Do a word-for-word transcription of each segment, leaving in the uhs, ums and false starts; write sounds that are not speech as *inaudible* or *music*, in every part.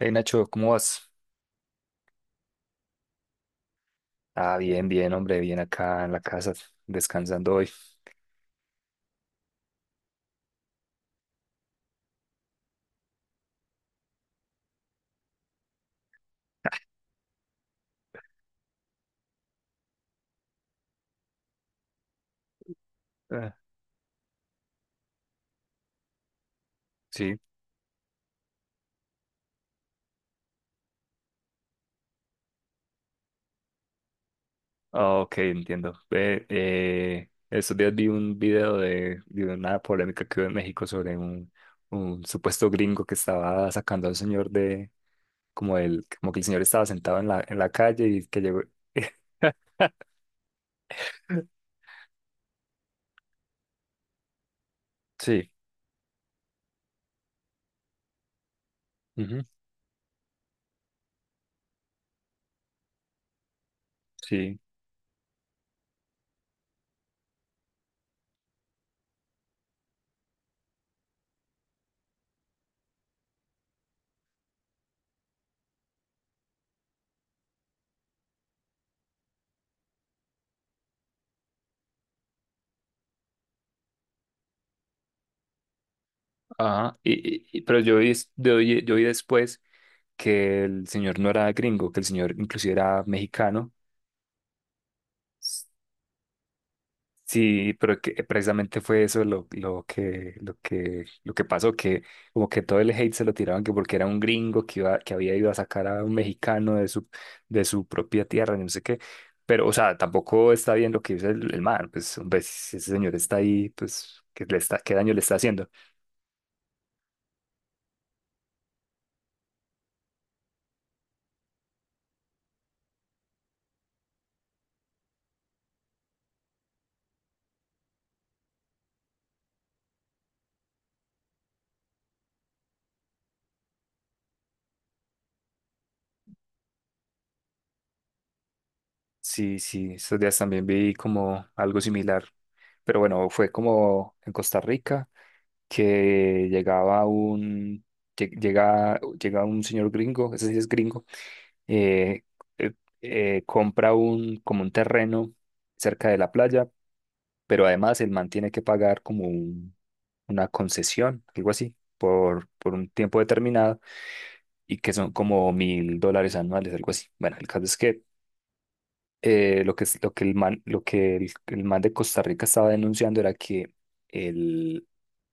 Hey Nacho, ¿cómo vas? Ah, bien, bien, hombre, bien acá en la casa, descansando hoy. Ah, sí. Ah, ok, entiendo. Ve, eh, estos días vi un video de, de una polémica que hubo en México sobre un, un supuesto gringo que estaba sacando al señor de, como el, como que el señor estaba sentado en la, en la calle y que llegó. *laughs* Sí, ujú, sí, ajá. Y, y- y- pero yo vi, es- yo vi yo vi después que el señor no era gringo, que el señor inclusive era mexicano. Sí, pero que precisamente fue eso lo, lo que, lo que, lo que pasó, que como que todo el hate se lo tiraban que porque era un gringo que iba, que había ido a sacar a un mexicano de su, de su propia tierra, y no sé qué. Pero, o sea, tampoco está bien lo que dice el, el man, pues, hombre, si ese señor está ahí, pues, ¿qué le está, qué daño le está haciendo? Sí, sí, estos días también vi como algo similar. Pero bueno, fue como en Costa Rica, que llegaba un, lle- llega, llega un señor gringo, ese sí es gringo. eh, eh, eh, Compra un, como un terreno cerca de la playa, pero además el man tiene que pagar como un- una concesión, algo así, por, por un tiempo determinado y que son como mil dólares anuales, algo así. Bueno, el caso es que eh, lo que, es- lo que, el man, lo que el, el man de Costa Rica estaba denunciando era que el,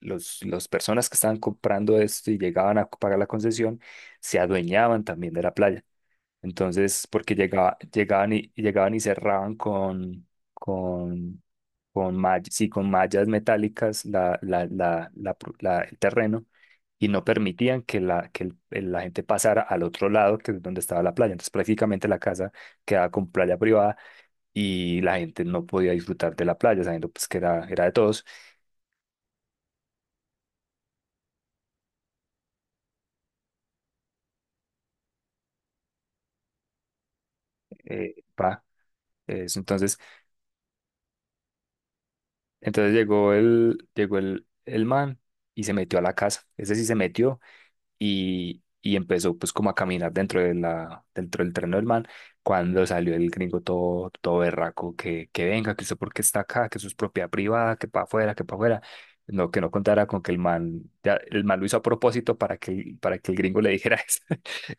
los, las personas que estaban comprando esto y llegaban a pagar la concesión se adueñaban también de la playa. Entonces, porque llegaba, llegaban y, y llegaban y cerraban con, con, con, mall- sí, con mallas metálicas la, la, la, la pro- la- el terreno y no permitían que la, que el- el- la gente pasara al otro lado, que es donde estaba la playa. Entonces prácticamente la casa quedaba con playa privada y la gente no podía disfrutar de la playa, sabiendo pues que era, era de todos. eh, pa, Eso. Entonces, entonces llegó el, llegó el, el man y se metió a la casa. Ese sí se metió y, y empezó pues como a caminar dentro de la, dentro del tren del man, cuando salió el gringo todo, todo berraco, que, que venga, que usted por qué está acá, que eso es propiedad privada, que para afuera, que para afuera, no, que no contara con que el man, ya, el man lo hizo a propósito para que, el- para que el gringo le dijera *laughs* eso.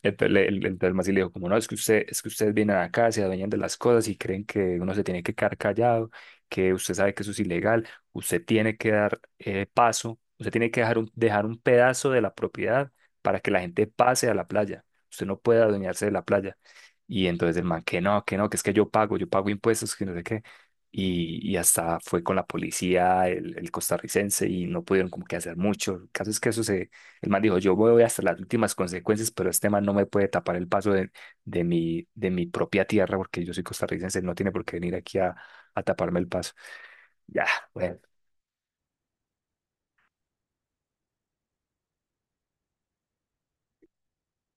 Entonces, le- el, entonces el man sí le dijo como, no, es que usted, es que ustedes vienen acá, se adueñan de las cosas y creen que uno se tiene que quedar callado, que usted sabe que eso es ilegal, usted tiene que dar eh, paso, usted tiene que dejar un, dejar un, pedazo de la propiedad para que la gente pase a la playa. Usted no puede adueñarse de la playa. Y entonces el man, que no, que no, que es que yo pago, yo pago impuestos, que no sé qué. Y, y hasta fue con la policía, el, el costarricense, y no pudieron como que hacer mucho. El caso es que eso se, el man dijo, yo voy hasta las últimas consecuencias, pero este man no me puede tapar el paso de, de mi, de mi propia tierra, porque yo soy costarricense, no tiene por qué venir aquí a, a taparme el paso. Ya, bueno,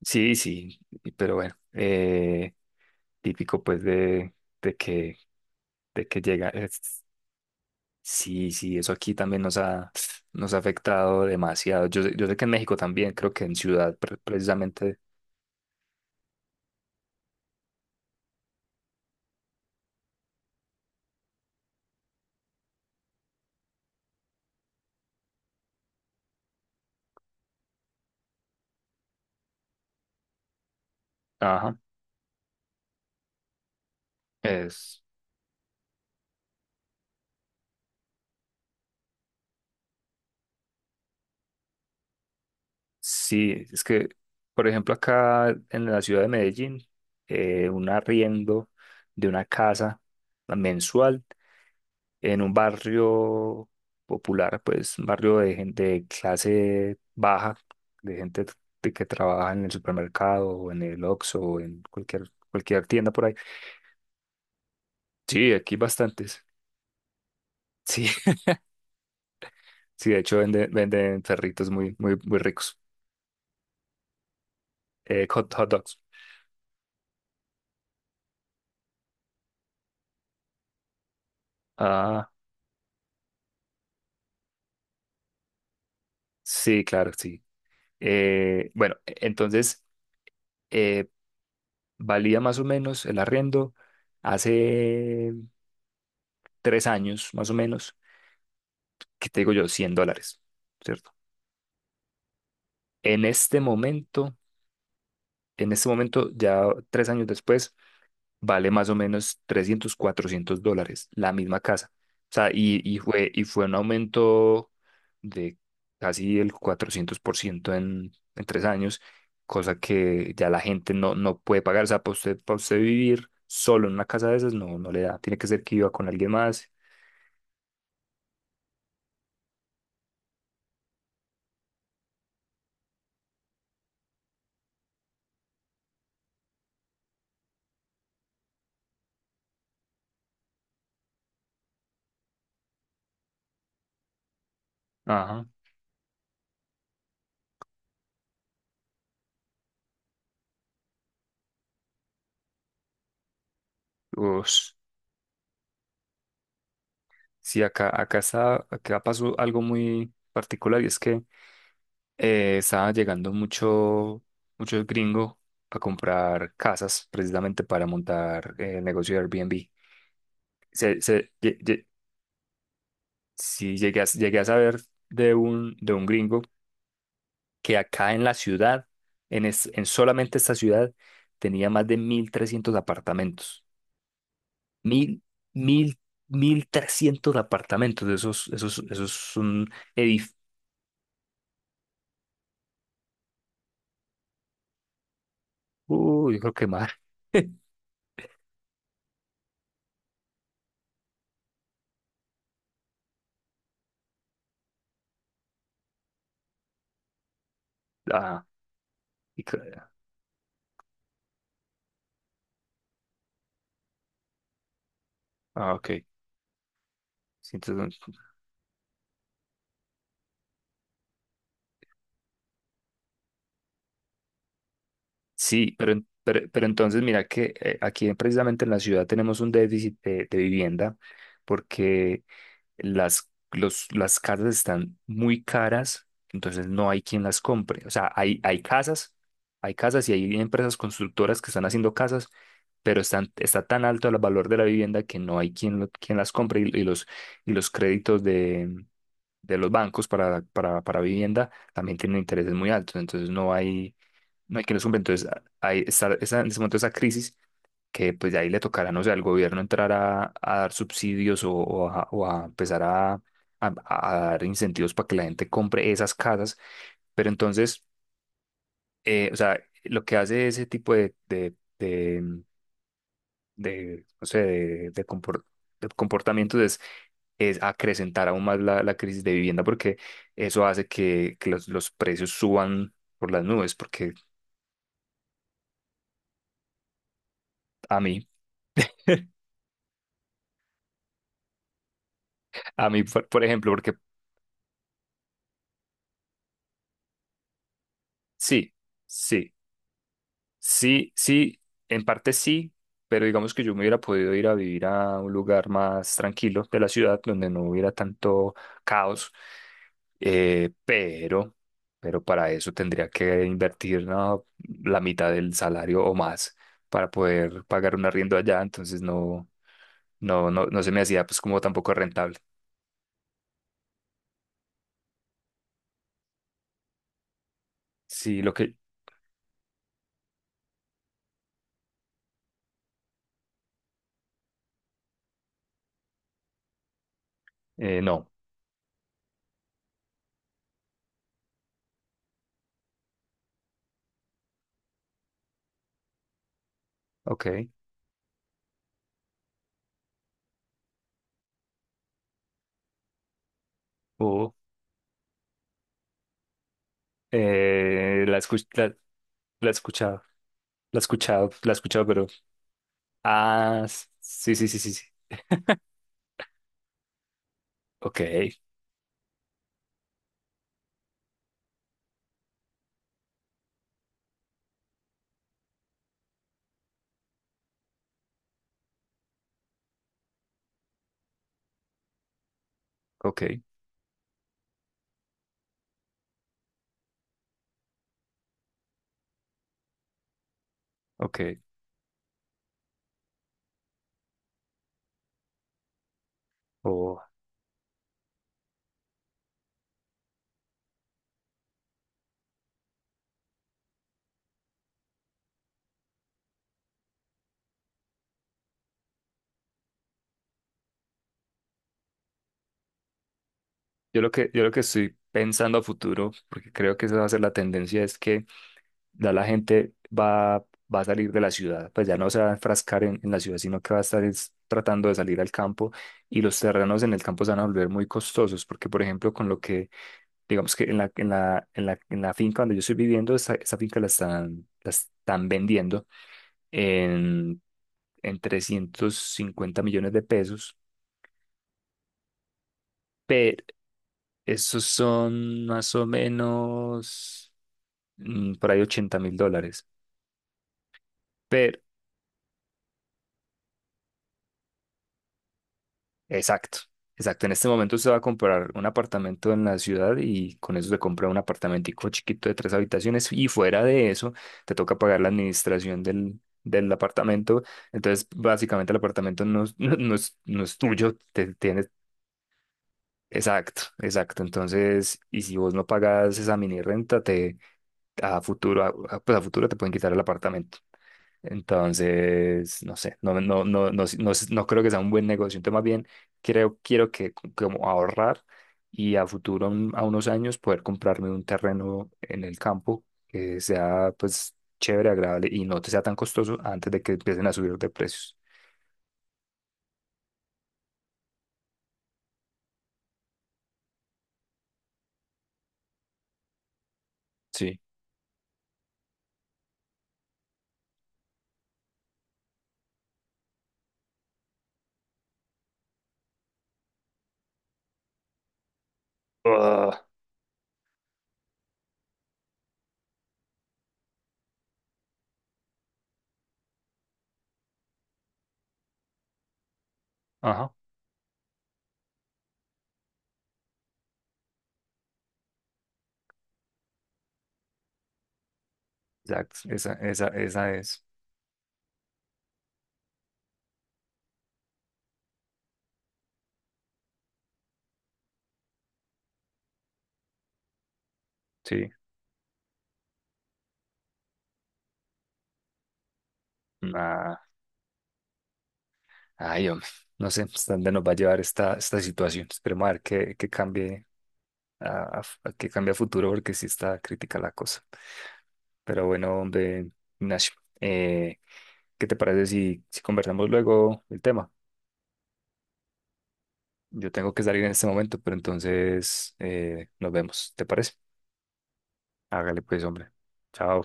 sí, sí, pero bueno, eh, típico pues de, de que de que llega. Es- sí, sí, eso aquí también nos ha, nos ha afectado demasiado. Yo, sé- yo sé que en México también, creo que en ciudad pre- precisamente. Ajá. Es, sí, es que, por ejemplo, acá en la ciudad de Medellín, eh, un arriendo de una casa mensual. En un barrio popular, pues un barrio de gente de clase baja, de gente de que trabaja en el supermercado o en el Oxxo o en cualquier, cualquier tienda por ahí. Sí, aquí bastantes. Sí, *laughs* sí, de hecho venden, venden perritos muy, muy, muy ricos. Eh, hot, hot dogs. Ah, sí, claro, sí. Eh, bueno, e-, entonces eh, valía más o menos el arriendo hace tres años, más o menos, que te digo yo, cien dólares, ¿cierto? En este momento, en este momento, ya tres años después, vale más o menos trescientos cuatrocientos dólares la misma casa. O sea, y, y fue, y fue un aumento de casi el cuatrocientos por ciento en, en tres años, cosa que ya la gente no, no puede pagar. O sea, para usted, para usted vivir solo en una casa de esas, no, no le da. Tiene que ser que viva con alguien más. Ajá. Ush. Sí, acá, acá está, acá pasó algo muy particular y es que eh, estaba llegando mucho, muchos gringos a comprar casas precisamente para montar eh, el negocio de Airbnb. Se, se, lle- lle- sí, llegué a, llegué a saber de un, de un, gringo que acá en la ciudad, en, es- en solamente esta ciudad, tenía más de mil trescientos apartamentos. Mil, mil, mil trescientos apartamentos. Esos, esos, esos son edificios. Uy, yo creo que más. *laughs* Ah, y cre- ah, ok. Sí, pero, en- pero, pero entonces mira que eh, aquí precisamente en la ciudad tenemos un déficit de, de vivienda porque las, los, las casas están muy caras, entonces no hay quien las compre. O sea, hay, hay casas, hay casas y hay empresas constructoras que están haciendo casas, pero están, está tan alto el valor de la vivienda que no hay quien, lo- quien las compre y, y los, y los créditos de, de los bancos para, para, para vivienda también tienen intereses muy altos, entonces no hay no hay que resolver. Entonces, ahí está esa- en ese momento esa crisis que pues de ahí le tocará, no sé, al gobierno entrar a, a dar subsidios o, o a, o a empezar a, a- a dar incentivos para que la gente compre esas casas. Pero entonces, eh, o sea, lo que hace ese tipo de, de, de, de, no sé, de, de compor- de comportamientos es es acrecentar aún más la, la crisis de vivienda porque eso hace que, que los, los precios suban por las nubes, porque a mí. *laughs* A mí, por, por ejemplo, porque sí, sí, sí, sí, en parte sí, pero digamos que yo me hubiera podido ir a vivir a un lugar más tranquilo de la ciudad donde no hubiera tanto caos, eh, pero, pero para eso tendría que invertir, ¿no? La mitad del salario o más para poder pagar un arriendo allá, entonces no, no, no, no se me hacía pues como tampoco rentable. Sí, lo que, eh, no, ok. o eh, la escucha. La he escuchado, la he escuchado, la he escuchado, pero. Ah, sí, sí, sí, sí, sí. *laughs* Ok, ok, ok. Oh. Yo lo que, yo lo que estoy pensando a futuro, porque creo que esa va a ser la tendencia, es que ya la gente va, va a salir de la ciudad, pues ya no se va a enfrascar en, en la ciudad, sino que va a estar es tratando de salir al campo y los terrenos en el campo se van a volver muy costosos, porque por ejemplo con lo que, digamos que en la, en la, en la, en la finca donde yo estoy viviendo, esa, esa finca la están, la están vendiendo en, en trescientos cincuenta millones de pesos, pero esos son más o menos mm, por ahí ochenta mil dólares. Pero, exacto, exacto. En este momento usted va a comprar un apartamento en la ciudad y con eso se compra un apartamentico chiquito de tres habitaciones y fuera de eso te toca pagar la administración del... del apartamento, entonces básicamente el apartamento no, es- *laughs* no, no es, no es tuyo, te, tienes. Exacto, exacto. Entonces, y si vos no pagas esa mini renta, te a futuro, a, a- pues a futuro te pueden quitar el apartamento. Entonces, no sé, no, no, no, no, no, no creo que sea un buen negocio. Entonces, más bien, creo, quiero que co- como ahorrar y a futuro, un- a unos años, poder comprarme un terreno en el campo que sea, pues, chévere, agradable y no te sea tan costoso antes de que empiecen a subir de precios. Sí. Ah. Ajá, exacto. Esa, esa, esa es. Sí. Nah. Ay, hombre, no sé hasta dónde nos va a llevar esta, esta situación. Esperemos a ver qué, qué cambie a, a- a qué cambie a futuro, porque sí está crítica la cosa. Pero bueno, hombre, Ignacio, eh, ¿qué te parece si, si conversamos luego el tema? Yo tengo que salir en este momento, pero entonces eh, nos vemos. ¿Te parece? Hágale pues, hombre. Chao.